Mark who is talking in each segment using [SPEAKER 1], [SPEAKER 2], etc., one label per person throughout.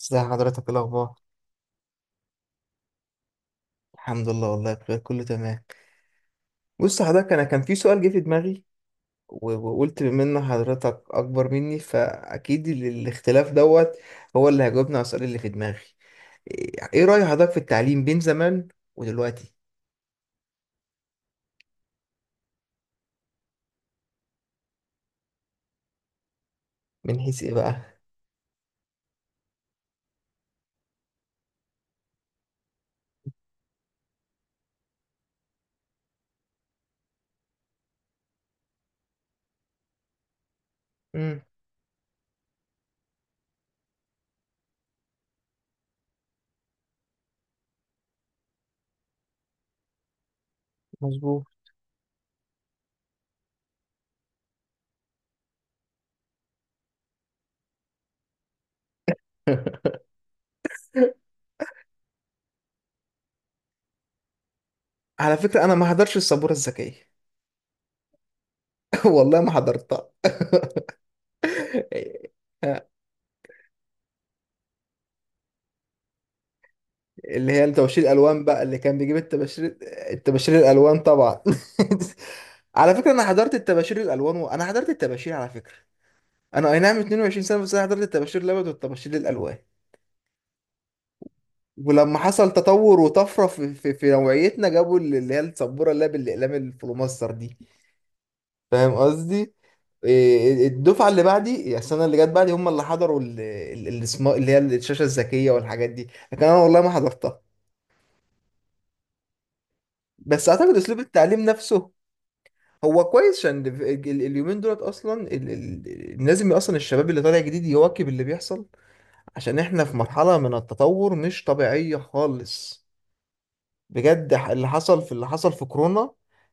[SPEAKER 1] ازي حضرتك؟ إيه الاخبار؟ الحمد لله، والله بخير، كله تمام. بص حضرتك، انا كان في سؤال جه في دماغي، وقلت بما ان حضرتك اكبر مني فاكيد الاختلاف دوت هو اللي هيجاوبنا على السؤال اللي في دماغي. إيه رأي حضرتك في التعليم بين زمان ودلوقتي؟ من حيث ايه بقى؟ امم مظبوط. على فكرة، انا ما حضرتش السبورة الذكية. والله ما حضرتها. اللي هي توشير الالوان بقى، اللي كان بيجيب التباشير. التباشير الالوان طبعا. على فكره، انا حضرت التباشير الالوان، وانا حضرت التباشير على فكره. انا اي نعم 22 سنه، بس انا حضرت التباشير الابيض والتباشير الالوان. ولما حصل تطور وطفره في نوعيتنا، جابوا اللي هي السبوره، اللي هي بالاقلام الفلوماستر دي. فاهم قصدي؟ إيه، إيه، الدفعه اللي بعدي، يعني السنه اللي جت بعدي هم اللي حضروا اللي هي الشاشه الذكيه والحاجات دي. لكن انا والله ما حضرتها. بس اعتقد اسلوب التعليم نفسه هو كويس، عشان اليومين دولت اصلا لازم اصلا الشباب اللي طالع جديد يواكب اللي بيحصل، عشان احنا في مرحلة من التطور مش طبيعية خالص. بجد اللي حصل في كورونا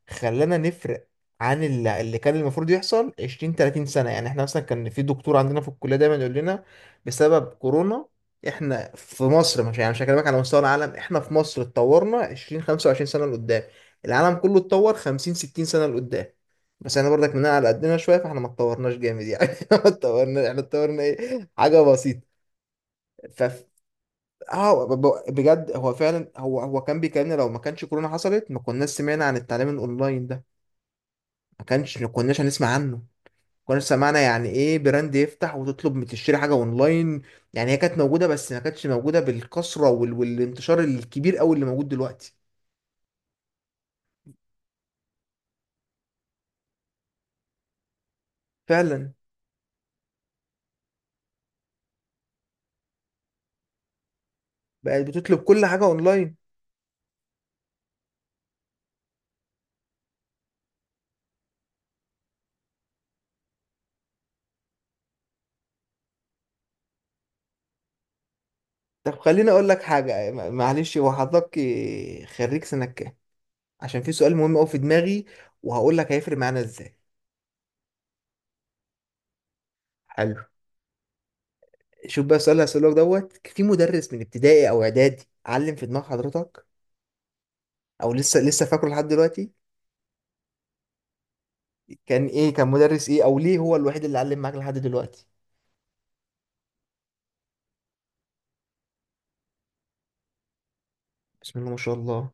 [SPEAKER 1] خلانا نفرق عن اللي كان المفروض يحصل 20 30 سنة. يعني احنا مثلا كان في دكتور عندنا في الكلية دايما يقول لنا، بسبب كورونا احنا في مصر، مش يعني مش هكلمك على مستوى العالم، احنا في مصر اتطورنا 20 25 سنة لقدام، العالم كله اتطور 50 60 سنة لقدام. بس احنا برضك مننا على قدنا شوية، فاحنا ما اتطورناش جامد يعني ما اتطورنا، احنا اتطورنا ايه؟ حاجة بسيطة. اه، بجد هو فعلا، هو كان بيكلمنا لو ما كانش كورونا حصلت ما كناش سمعنا عن التعليم الاونلاين ده. ما كناش هنسمع عنه، ما كناش سمعنا يعني ايه براند يفتح وتطلب تشتري حاجه اونلاين. يعني هي كانت موجوده، بس ما كانتش موجوده بالكثره والانتشار الكبير قوي اللي موجود دلوقتي. فعلا، بقت بتطلب كل حاجه اونلاين. طب خليني اقول لك حاجه، معلش، هو حضرتك خريج سنه كام؟ عشان في سؤال مهم قوي في دماغي، وهقول لك هيفرق معانا ازاي. حلو. شوف بقى السؤال اللي هسألك دوت، في مدرس من ابتدائي او اعدادي علم في دماغ حضرتك او لسه فاكره لحد دلوقتي؟ كان مدرس ايه؟ او ليه هو الوحيد اللي علم معاك لحد دلوقتي؟ بسم الله ما شاء الله.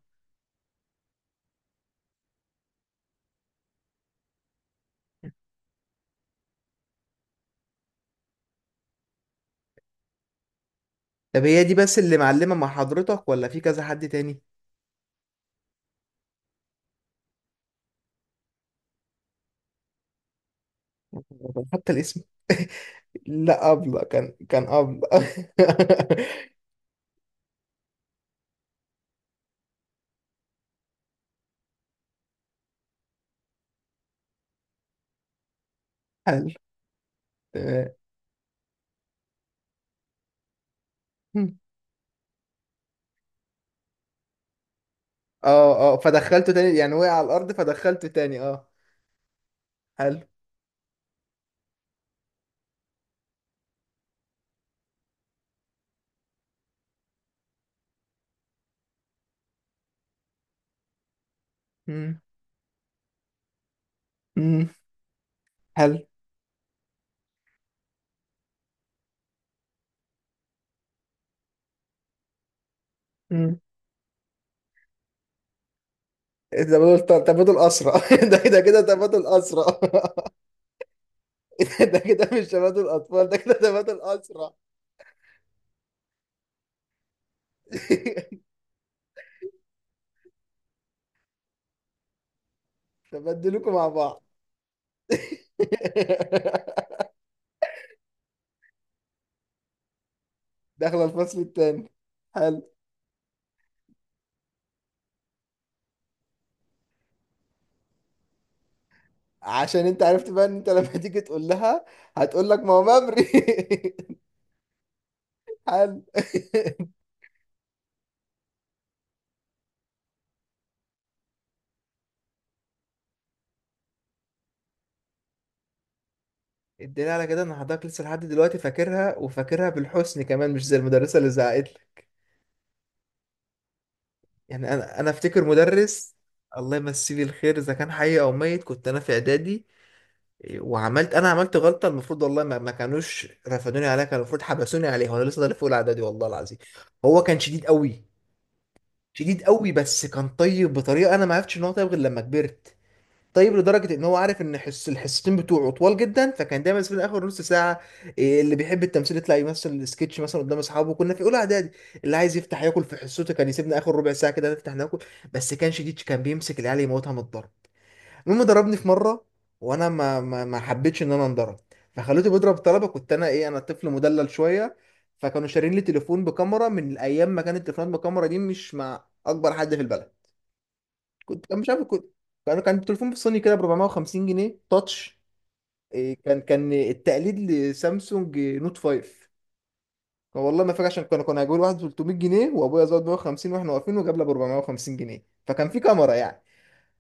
[SPEAKER 1] طب هي دي بس اللي معلمة مع حضرتك ولا في كذا حد تاني؟ حتى الاسم! لا، أبلة، كان أبلة. حلو. تمام. اه، اه، فدخلته تاني يعني، وقع على الأرض فدخلته تاني، اه. حلو. مم. مم. حلو. تبادل، تبادل أسرع. ده كده، كده تبادل أسرع. ده كده مش تبادل أطفال، ده كده تبادل أسرع. تبدلوكوا مع بعض. داخلة الفصل التاني. حلو. عشان انت عرفت بقى ان انت لما تيجي تقول لها، هتقول لك ما هو ممري. حلو. الدليل على كده ان حضرتك لسه لحد دلوقتي فاكرها، وفاكرها بالحسن كمان، مش زي المدرسة اللي زعقت لك. يعني انا افتكر مدرس، الله يمسيه بالخير اذا كان حي او ميت، كنت انا في اعدادي وعملت، عملت غلطه المفروض والله ما كانوش رفدوني عليها، كان المفروض حبسوني عليها وانا لسه طالع فوق الاعدادي، والله العظيم. هو كان شديد قوي، شديد قوي، بس كان طيب بطريقه انا ما عرفتش ان هو طيب غير لما كبرت. طيب لدرجه ان هو عارف ان حس الحصتين بتوعه طوال جدا، فكان دايما في اخر نص ساعه، اللي بيحب التمثيل يطلع يمثل السكتش مثلا قدام اصحابه، كنا في اولى اعدادي. اللي عايز يفتح ياكل في حصته كان يسيبنا اخر ربع ساعه كده نفتح ناكل. بس كان شديد، كان بيمسك العيال يموتها من الضرب. المهم ضربني في مره، وانا ما حبيتش ان انا انضرب، فخليته بيضرب طلبه، كنت انا ايه، انا طفل مدلل شويه. فكانوا شارين لي تليفون بكاميرا من ايام ما كانت التليفونات بكاميرا دي مش مع اكبر حد في البلد. كان مش عارف، كنت، كان تليفون بالصيني كده ب 450 جنيه تاتش. كان التقليد لسامسونج نوت 5. كان والله ما فاكر، عشان كانوا هيجيبوا لي واحد ب 300 جنيه، وابويا زود 150 واحنا واقفين، وجاب لي ب 450 جنيه، فكان في كاميرا يعني.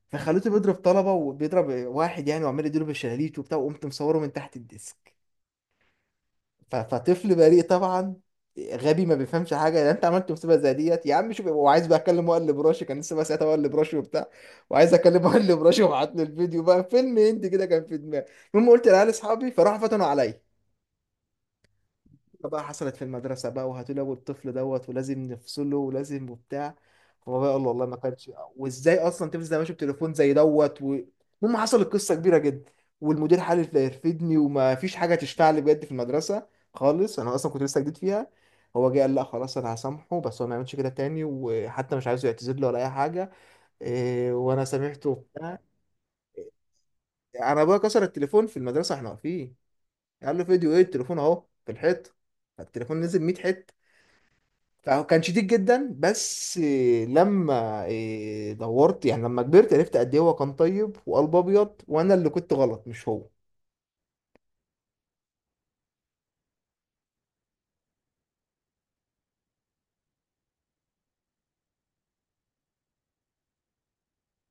[SPEAKER 1] فخلوته بيضرب طلبة، وبيضرب واحد يعني وعمال يديله بالشلاليت وبتاع، وقمت مصوره من تحت الديسك. فطفل بريء طبعا، غبي ما بيفهمش حاجة يعني، انت عملت مصيبة زي ديت يا عم شوف، وعايز بقى اكلم مقلب راشي، كان لسه بقى ساعتها مقلب راشي وبتاع، وعايز اكلم مقلب راشي، وبعت له الفيديو بقى، فيلم هندي كده كان في دماغي. المهم قلت لعيال اصحابي، فراحوا فتنوا عليا. بقى حصلت في المدرسة بقى، وهتلاقوا الطفل دوت ولازم نفصله ولازم وبتاع. هو بقى قال له والله ما كانش، وازاي اصلا تمسك ده ماشي بتليفون زي دوت المهم حصلت قصة كبيرة جدا، والمدير حالف لا يرفدني، وما فيش حاجة تشفع لي بجد في المدرسة خالص، انا اصلا كنت لسه جديد فيها. هو جه قال لا خلاص، انا هسامحه، بس هو ما يعملش كده تاني، وحتى مش عايزه يعتذر له ولا اي حاجة. وانا سامحته وبتاع. انا ابويا كسر التليفون في المدرسة واحنا واقفين، قال له فيديو ايه؟ التليفون اهو في الحيطة. فالتليفون نزل 100 حتة. فهو كان شديد جدا، بس لما دورت يعني، لما كبرت عرفت قد ايه هو كان طيب وقلب ابيض، وانا اللي كنت غلط مش هو.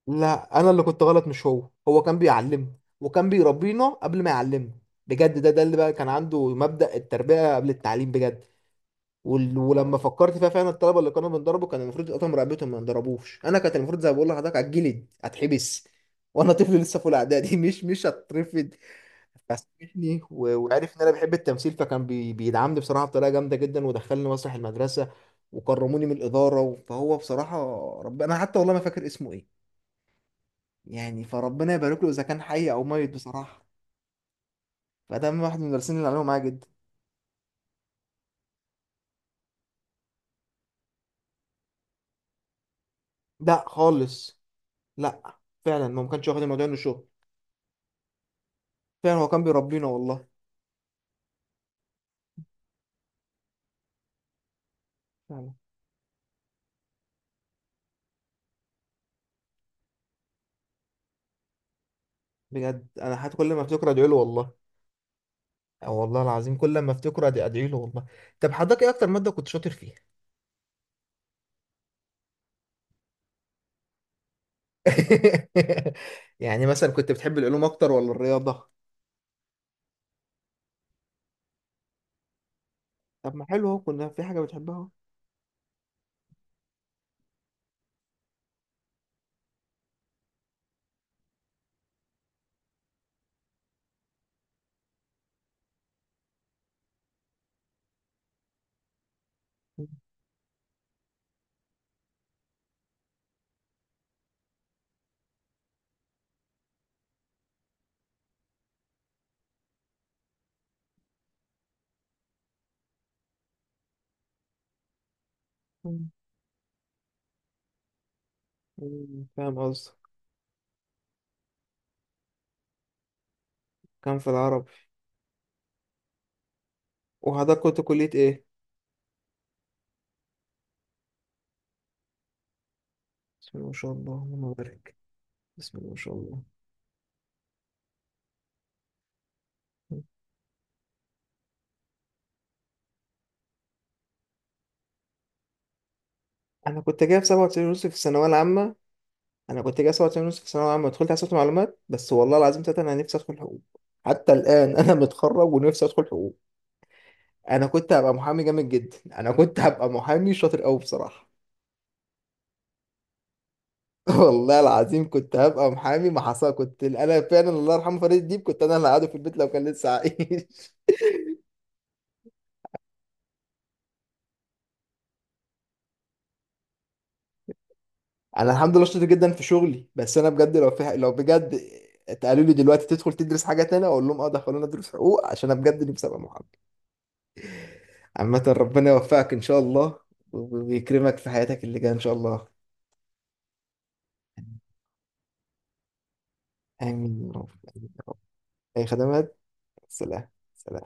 [SPEAKER 1] لا، انا اللي كنت غلط مش هو كان بيعلمني، وكان بيربينا قبل ما يعلمنا. بجد، ده اللي بقى كان عنده مبدأ التربية قبل التعليم بجد. ولما فكرت فيها فعلا، الطلبة اللي كانوا بنضربه كان المفروض يقطعوا رقبتهم ما ينضربوش، انا كانت المفروض زي ما بقول لحضرتك هتجلد، هتحبس، وانا طفل لسه في اولى اعدادي. مش هترفد. فساعدني وعرف ان انا بحب التمثيل، فكان بيدعمني بصراحه بطريقه جامده جدا، ودخلني مسرح المدرسه، وكرموني من الاداره فهو بصراحه، انا حتى والله ما فاكر اسمه ايه، يعني فربنا يبارك له اذا كان حي او ميت بصراحه. فده من واحد من المدرسين اللي عملوا معايا جدا. لا خالص، لا، فعلا ما كانش واخد الموضوع انه شغل. فعلا هو كان بيربينا والله. فعلا. بجد انا حتى كل ما افتكر ادعي له والله. أو والله العظيم، كل ما افتكر أدعي له والله. طب حضرتك ايه اكتر ماده كنت شاطر فيها؟ يعني مثلا كنت بتحب العلوم اكتر ولا الرياضه؟ طب ما حلو اهو، كنا في حاجه بتحبها اهو. مم. مم. فاهم قصدك. كان في العربي. وحضرتك كنت كليه ايه؟ بسم الله ما شاء الله، اللهم بارك. بسم الله ما شاء الله. مم. انا كنت جايب 97 ونص في الثانويه العامه. انا كنت جايب 97 ونص في الثانويه العامه ودخلت حاسبات معلومات، بس والله العظيم تلاته انا نفسي ادخل حقوق. حتى الان انا متخرج ونفسي ادخل حقوق. انا كنت هبقى محامي جامد جدا، انا كنت هبقى محامي شاطر قوي بصراحه. والله العظيم كنت هبقى محامي، ما حصل، كنت انا فعلا الله يرحمه فريد الديب، كنت انا اللي قاعده في البيت لو كان لسه عايش. انا الحمد لله شاطر جدا في شغلي، بس انا بجد لو في، لو بجد اتقالوا لي دلوقتي تدخل تدرس حاجه تانية، اقول لهم اه دخلونا ادرس حقوق، عشان انا بجد نفسي ابقى محامي. عامه ربنا يوفقك ان شاء الله، ويكرمك في حياتك اللي جايه ان شاء الله. امين يا رب. آمين يا رب. اي خدمات. سلام. سلام.